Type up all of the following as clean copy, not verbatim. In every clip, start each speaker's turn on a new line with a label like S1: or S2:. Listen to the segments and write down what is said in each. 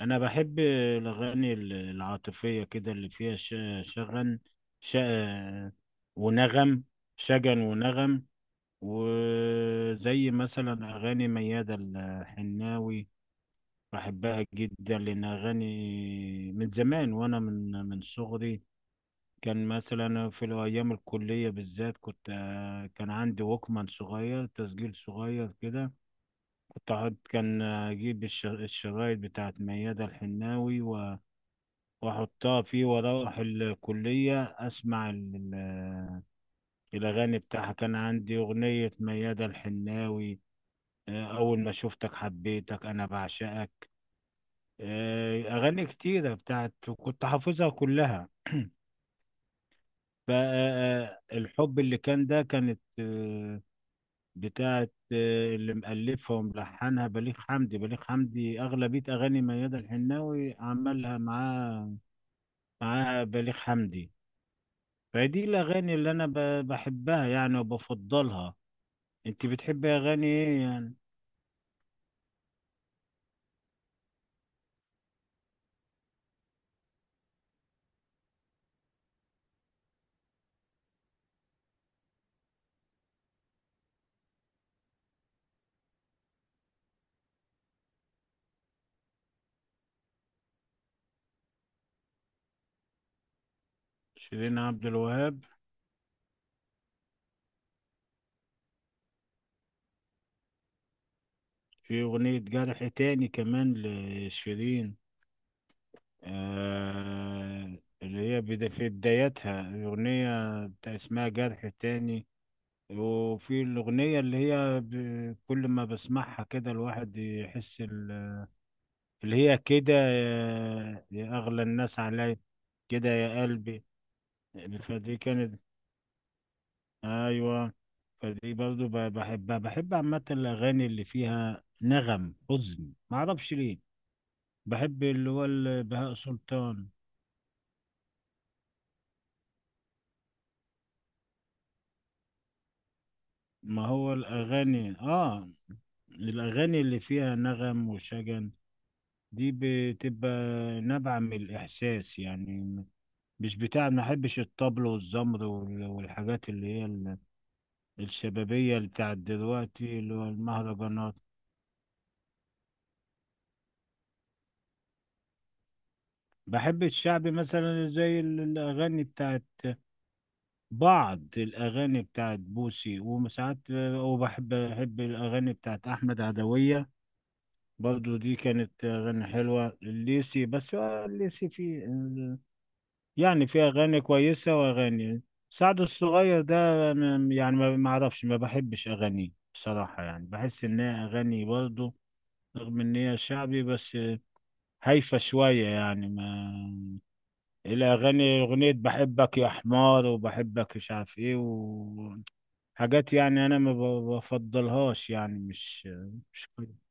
S1: انا بحب الاغاني العاطفيه كده اللي فيها ش- شغن ش... ونغم شجن ونغم. وزي مثلا اغاني ميادة الحناوي، بحبها جدا لان اغاني من زمان وانا من صغري. كان مثلا في الايام الكليه بالذات كنت آه، كان عندي ووكمان صغير، تسجيل صغير كده. كان اجيب الشرايط بتاعت ميادة الحناوي واحطها فيه واروح الكلية اسمع الاغاني بتاعها. كان عندي اغنية ميادة الحناوي. اول ما شفتك حبيتك انا بعشقك. اغاني كتيرة كنت حافظها كلها. فالحب اللي كان ده كانت آه، بتاعت آه، اللي مألفها وملحنها بليغ حمدي. بليغ حمدي أغلبية أغاني ميادة الحناوي عملها معاه. معاها بليغ حمدي. فدي الأغاني اللي أنا بحبها يعني وبفضلها. أنت بتحبي أغاني إيه يعني؟ شيرين عبد الوهاب. في أغنية جرح تاني كمان لشيرين. آه اللي هي بدا في بدايتها الأغنية بتاع اسمها جرح تاني. وفي الأغنية اللي هي كل ما بسمعها كده الواحد يحس اللي هي كده يا أغلى الناس عليا. كده يا قلبي. فدي كانت ايوه، فدي برضو بحبها. بحب عامة الاغاني اللي فيها نغم حزن ما اعرفش ليه. بحب اللي هو بهاء سلطان. ما هو الاغاني اللي فيها نغم وشجن دي بتبقى نابعة من الاحساس يعني. مش بتاع، ما احبش الطبل والزمر والحاجات اللي هي الشبابية بتاعت دلوقتي اللي هو المهرجانات. بحب الشعبي مثلا زي الاغاني بتاعت بعض الأغاني بتاعت بوسي وساعات. وبحب الأغاني بتاعت أحمد عدوية. برضو دي كانت أغاني حلوة الليسي. بس هو الليسي في أغاني كويسة وأغاني. سعد الصغير ده يعني ما أعرفش، ما بحبش أغانيه بصراحة، يعني بحس إن هي أغاني برضو، رغم إن هي شعبي، بس هايفة شوية يعني ما الأغاني أغنية بحبك يا حمار وبحبك مش عارف إيه، حاجات يعني انا ما بفضلهاش يعني. مش كويس.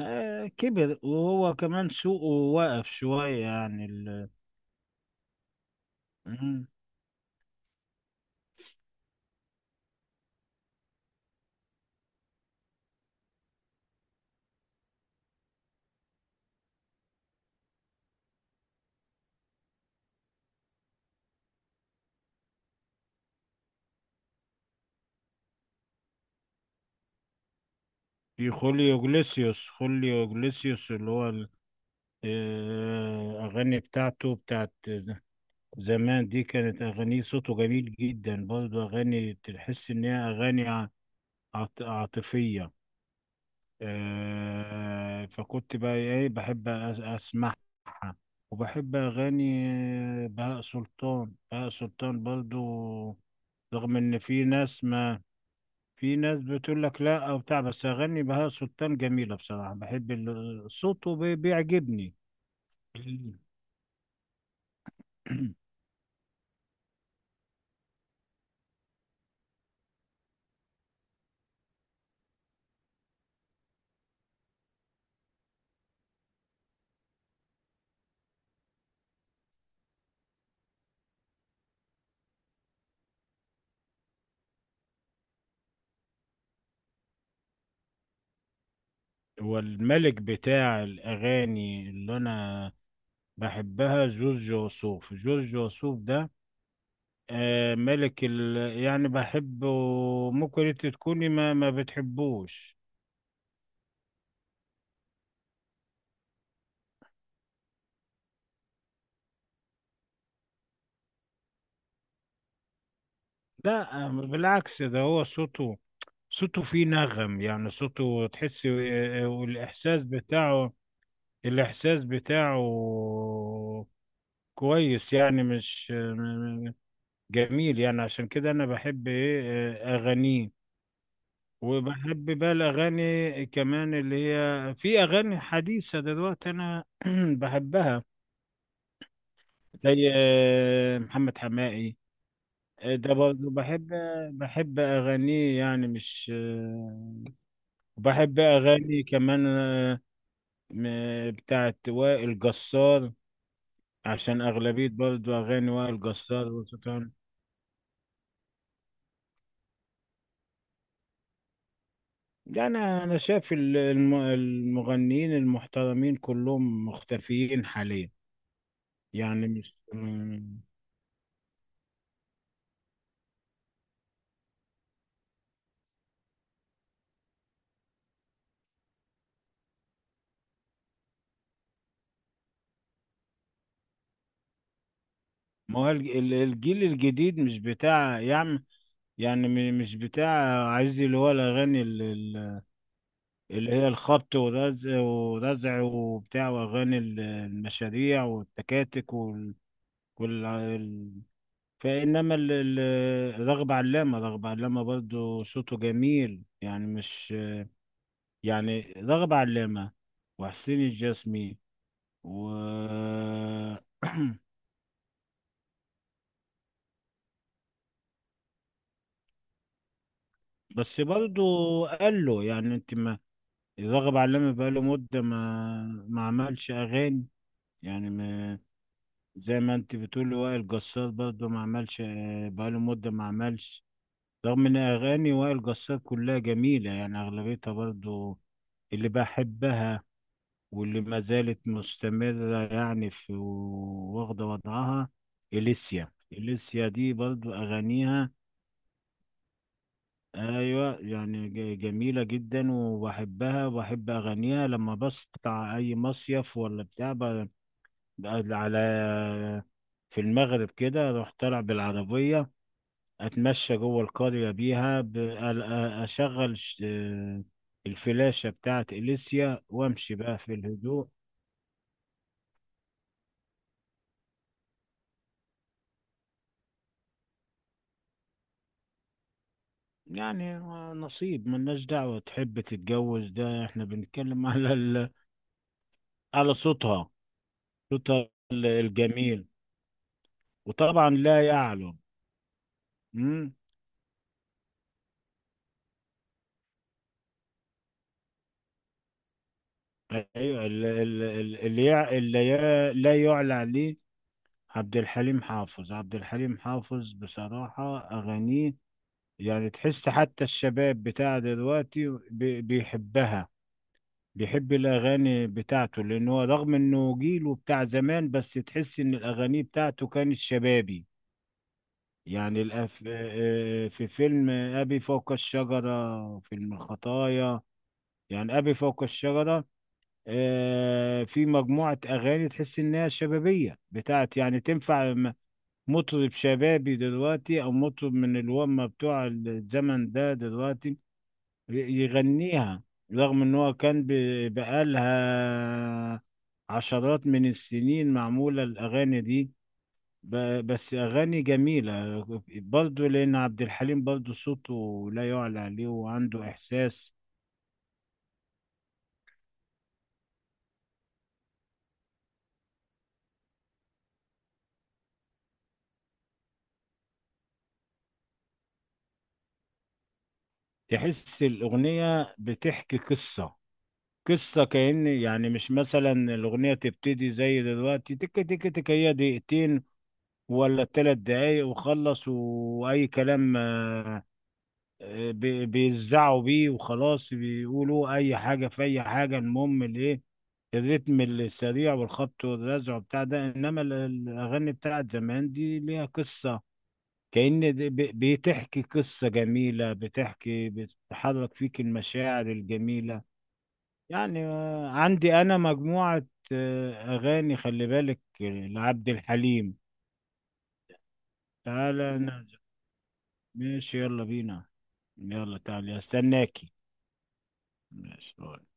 S1: كبر وهو كمان سوقه واقف شوية يعني. مم. في خوليو جليسيوس، خوليو جليسيوس اللي هو. أغاني بتاعته بتاعت زمان، دي كانت أغانيه صوته جميل جدا برضه، أغاني تحس إن هي أغاني عاطفية. فكنت بقى ايه بحب اسمعها. وبحب اغاني بهاء سلطان، بهاء سلطان برضو. رغم ان في ناس ما، في ناس بتقول لك لا او بتاع، بس اغاني بهاء سلطان جميلة بصراحة. بحب صوته بيعجبني. ال- هو الملك بتاع الاغاني اللي انا بحبها جورج وسوف، جورج وسوف ده. ملك يعني بحبه. ممكن انت تكوني ما بتحبوش. لا بالعكس، ده هو صوته. صوته فيه نغم يعني صوته تحسي والإحساس بتاعه. الإحساس بتاعه كويس يعني مش جميل يعني. عشان كده أنا بحب إيه، أغانيه. وبحب بقى الأغاني كمان اللي هي في أغاني حديثة دلوقتي، أنا بحبها، زي محمد حماقي. ده برضه بحب، بحب أغانيه يعني مش. وبحب أغاني كمان بتاعت وائل جسار، عشان أغلبية برضه أغاني وائل جسار وصوتها. يعني أنا شايف المغنيين المحترمين كلهم مختفيين حاليا، يعني مش ما هو الجيل الجديد مش بتاع يعني، يعني مش بتاع. عايز اللي هو الأغاني اللي هي الخبط ورزع ورزع وبتاع وأغاني المشاريع والتكاتك وال... ال- فإنما رغب علامة، رغب علامة برضو صوته جميل يعني مش. يعني رغب علامة وحسين الجسمي و بس برضو قال له يعني انت ما. رغب علامة بقاله مدة ما عملش أغاني يعني. زي ما انت بتقولي وائل جسار برضه ما عملش بقاله مدة ما عملش. رغم ان اغاني وائل جسار كلها جميلة يعني اغلبيتها برضه، اللي بحبها، واللي ما زالت مستمرة يعني في، واخدة وضعها. إليسيا، إليسيا دي برضه اغانيها. ايوه يعني جميلة جدا وبحبها. وبحب اغانيها لما بسطع اي مصيف ولا بتاع على، في المغرب كده اروح طالع بالعربية، اتمشى جوه القرية بيها اشغل الفلاشة بتاعت اليسيا وامشي بقى في الهدوء. يعني نصيب، ملناش دعوة تحب تتجوز، ده احنا بنتكلم على على صوتها. صوتها الجميل. وطبعا لا يعلو. مم. ايوه اللي يع- اللي يا- لا يعلى عليه. عبد الحليم حافظ، عبد الحليم حافظ بصراحة أغانيه. يعني تحس حتى الشباب بتاع دلوقتي بيحبها، بيحب الأغاني بتاعته، لأن هو رغم إنه جيله بتاع زمان، بس تحس إن الأغاني بتاعته كانت شبابي. يعني الأف... آه، آه، في فيلم أبي فوق الشجرة، فيلم الخطايا. يعني أبي فوق الشجرة. في مجموعة أغاني تحس إنها شبابية بتاعت، يعني تنفع مطرب شبابي دلوقتي أو مطرب من الومة بتوع الزمن ده دلوقتي ي- يغنيها. رغم ان هو كان بقالها عشرات من السنين معمولة الأغاني دي، بس أغاني جميلة برضه، لأن عبد الحليم برضه صوته لا يعلى عليه وعنده إحساس. تحس الأغنية بتحكي قصة، قصة كأن. يعني مش مثلا الأغنية تبتدي زي دلوقتي تك تك تك، هي دقيقتين ولا 3 دقايق وخلص وأي كلام. بيزعوا بيه وخلاص، بيقولوا اي حاجه في اي حاجه، المهم الايه، الريتم السريع والخبط والرزع بتاع ده. انما الاغاني بتاعت زمان دي ليها قصه، كأن بتحكي قصه جميله، بتحرك فيك المشاعر الجميله. يعني عندي انا مجموعه اغاني، خلي بالك، لعبد الحليم. تعالى نعزف. ماشي، يلا بينا. يلا تعالى استناكي. ماشي.